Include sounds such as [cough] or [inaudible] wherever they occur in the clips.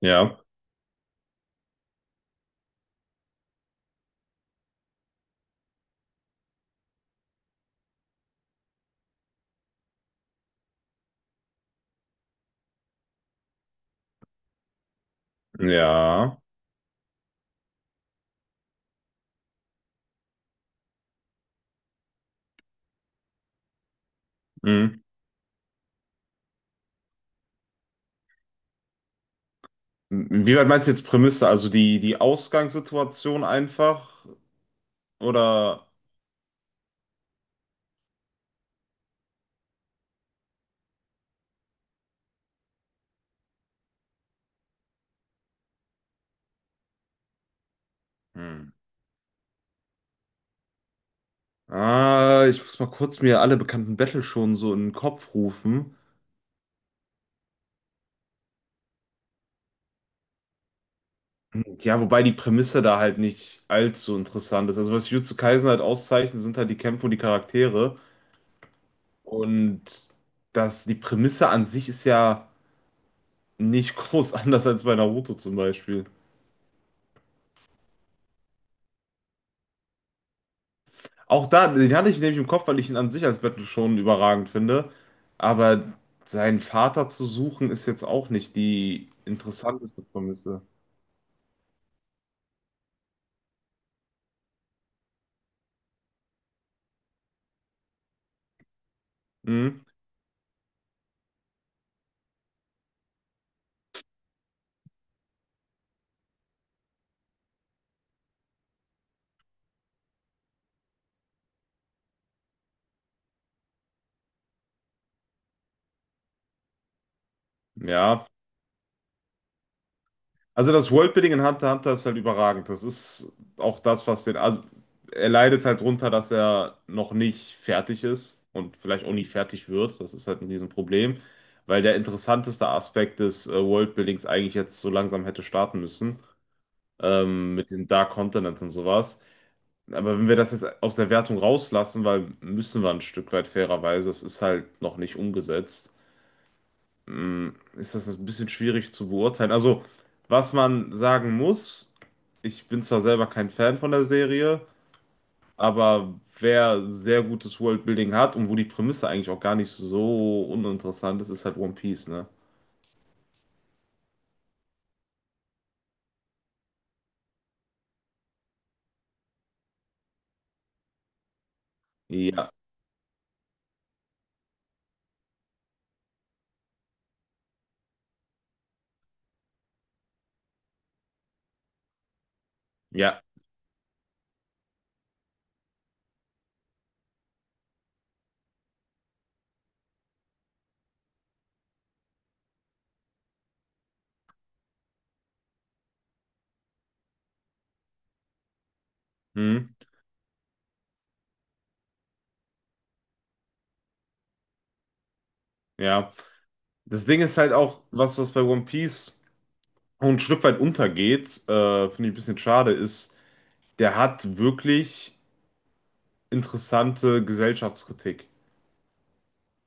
Ja, ja. Mhm. Wie weit meinst du jetzt Prämisse? Also die Ausgangssituation einfach? Oder? Hm. Ah, ich muss mal kurz mir alle bekannten Battle schon so in den Kopf rufen. Ja, wobei die Prämisse da halt nicht allzu interessant ist. Also was Jujutsu Kaisen halt auszeichnet, sind halt die Kämpfe und die Charaktere. Und die Prämisse an sich ist ja nicht [laughs] groß anders als bei Naruto zum Beispiel. Auch da, den hatte ich nämlich im Kopf, weil ich ihn an sich als Battle schon überragend finde. Aber seinen Vater zu suchen, ist jetzt auch nicht die interessanteste Prämisse. Hm, ja. Also das Worldbuilding in Hunter x Hunter ist halt überragend. Das ist auch das, was den. Also er leidet halt drunter, dass er noch nicht fertig ist und vielleicht auch nie fertig wird. Das ist halt ein Riesenproblem. Weil der interessanteste Aspekt des Worldbuildings eigentlich jetzt so langsam hätte starten müssen. Mit den Dark Continents und sowas. Aber wenn wir das jetzt aus der Wertung rauslassen, weil müssen wir ein Stück weit fairerweise, es ist halt noch nicht umgesetzt, mm, ist das ein bisschen schwierig zu beurteilen. Also, was man sagen muss, ich bin zwar selber kein Fan von der Serie, aber wer sehr gutes Worldbuilding hat und wo die Prämisse eigentlich auch gar nicht so uninteressant ist, ist halt One Piece, ne? Ja, ja, hm, ja. Das Ding ist halt auch, was bei One Piece auch ein Stück weit untergeht, finde ich ein bisschen schade, ist, der hat wirklich interessante Gesellschaftskritik.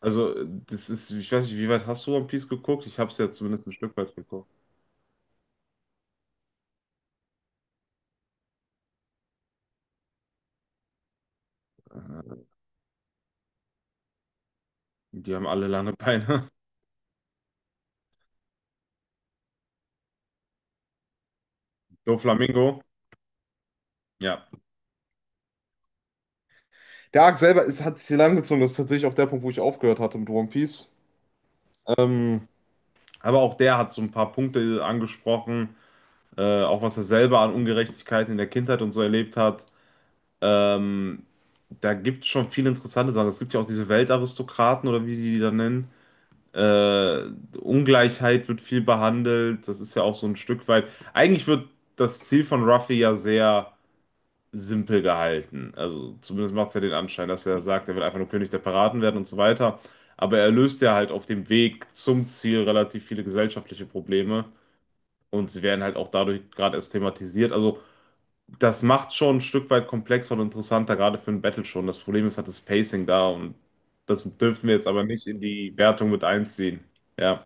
Also, das ist, ich weiß nicht, wie weit hast du One Piece geguckt? Ich habe es ja zumindest ein Stück weit geguckt. Äh, Die haben alle lange Beine. [laughs] Doflamingo. Ja. Der Arc selber hat sich hier lang gezogen. Das ist tatsächlich auch der Punkt, wo ich aufgehört hatte mit One Piece. Ähm, Aber auch der hat so ein paar Punkte angesprochen, auch was er selber an Ungerechtigkeit in der Kindheit und so erlebt hat. Ähm, Da gibt es schon viele interessante Sachen. Es gibt ja auch diese Weltaristokraten oder wie die die da nennen. Äh, Ungleichheit wird viel behandelt. Das ist ja auch so ein Stück weit. Eigentlich wird das Ziel von Ruffy ja sehr simpel gehalten. Also zumindest macht es ja den Anschein, dass er sagt, er will einfach nur König der Piraten werden und so weiter. Aber er löst ja halt auf dem Weg zum Ziel relativ viele gesellschaftliche Probleme. Und sie werden halt auch dadurch gerade erst thematisiert. Also, das macht schon ein Stück weit komplexer und interessanter, gerade für ein Battle schon. Das Problem ist halt das Pacing da und das dürfen wir jetzt aber nicht in die Wertung mit einziehen. Ja.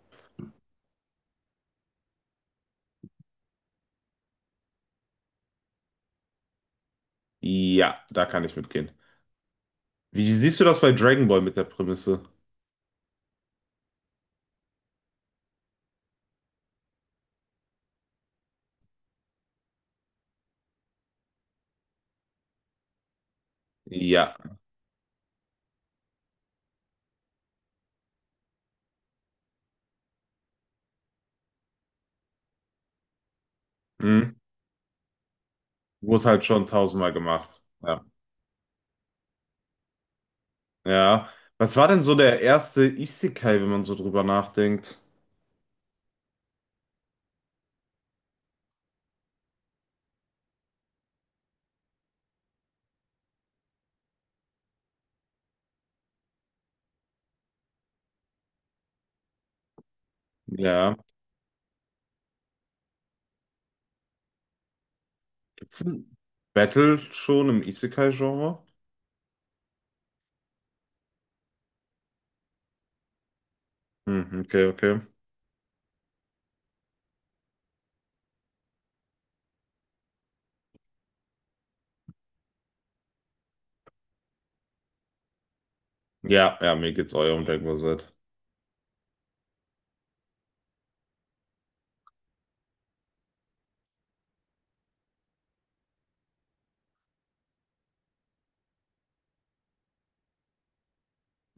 Ja, da kann ich mitgehen. Wie siehst du das bei Dragon Ball mit der Prämisse? Ja. Hm. Wurde halt schon tausendmal gemacht. Ja. Ja. Was war denn so der erste Isekai, wenn man so drüber nachdenkt? Ja. Gibt's ein Battle schon im Isekai-Genre? Hm, okay, okay. Ja, ja, mir geht's auch um Dragon Ball Z.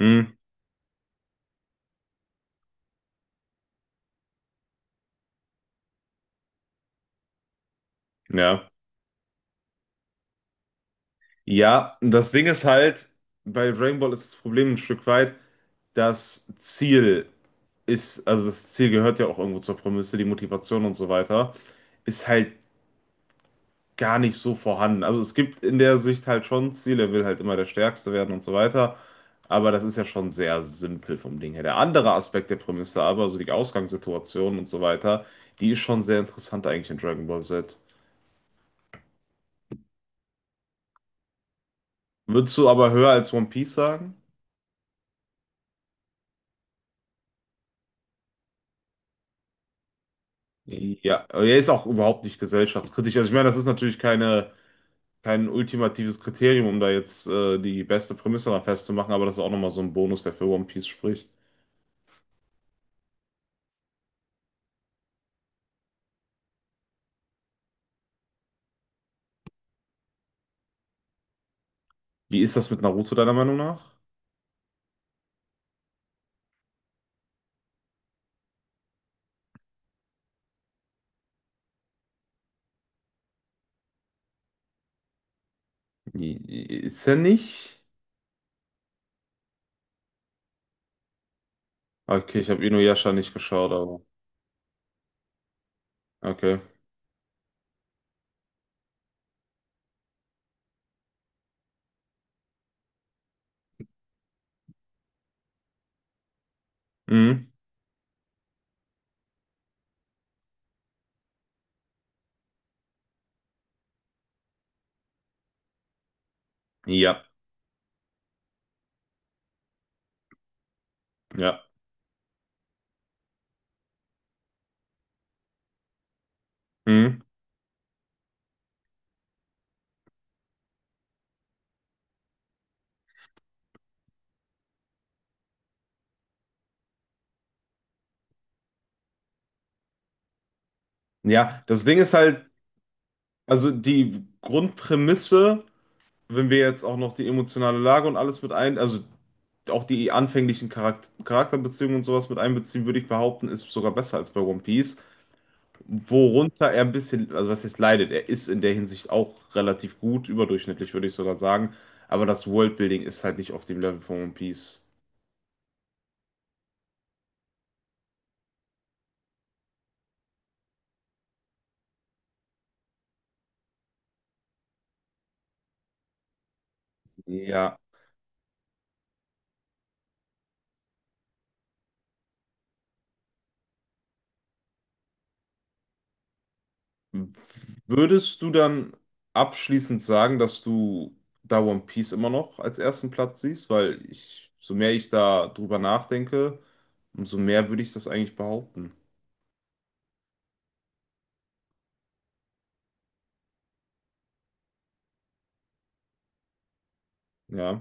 Hm, ja. Ja, das Ding ist halt, bei Dragon Ball ist das Problem ein Stück weit, das Ziel also das Ziel gehört ja auch irgendwo zur Prämisse, die Motivation und so weiter, ist halt gar nicht so vorhanden. Also es gibt in der Sicht halt schon Ziele, er will halt immer der Stärkste werden und so weiter, aber das ist ja schon sehr simpel vom Ding her. Der andere Aspekt der Prämisse aber, also die Ausgangssituation und so weiter, die ist schon sehr interessant eigentlich in Dragon Ball Z. Würdest du aber höher als One Piece sagen? Nee. Ja, er ist auch überhaupt nicht gesellschaftskritisch. Also ich meine, das ist natürlich kein ultimatives Kriterium, um da jetzt die beste Prämisse dran festzumachen, aber das ist auch nochmal so ein Bonus, der für One Piece spricht. Wie ist das mit Naruto deiner Meinung nach? Ist er nicht? Okay, ich habe Inuyasha nicht geschaut, aber okay. Mhm. Ja, ja. Mhm. Ja, das Ding ist halt, also die Grundprämisse, wenn wir jetzt auch noch die emotionale Lage und alles also auch die anfänglichen Charakterbeziehungen und sowas mit einbeziehen, würde ich behaupten, ist sogar besser als bei One Piece. Worunter er ein bisschen, also was heißt leidet, er ist in der Hinsicht auch relativ gut, überdurchschnittlich würde ich sogar sagen, aber das Worldbuilding ist halt nicht auf dem Level von One Piece. Ja, würdest du dann abschließend sagen, dass du da One Piece immer noch als ersten Platz siehst? Weil ich, so mehr ich da drüber nachdenke, umso mehr würde ich das eigentlich behaupten. Ja,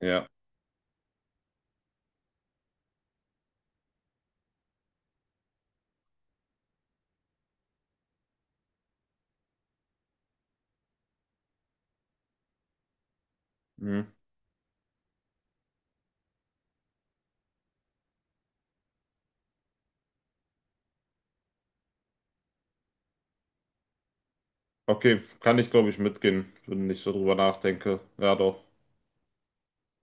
ja. Hm. Okay, kann ich glaube ich mitgehen, wenn ich so drüber nachdenke. Ja, doch.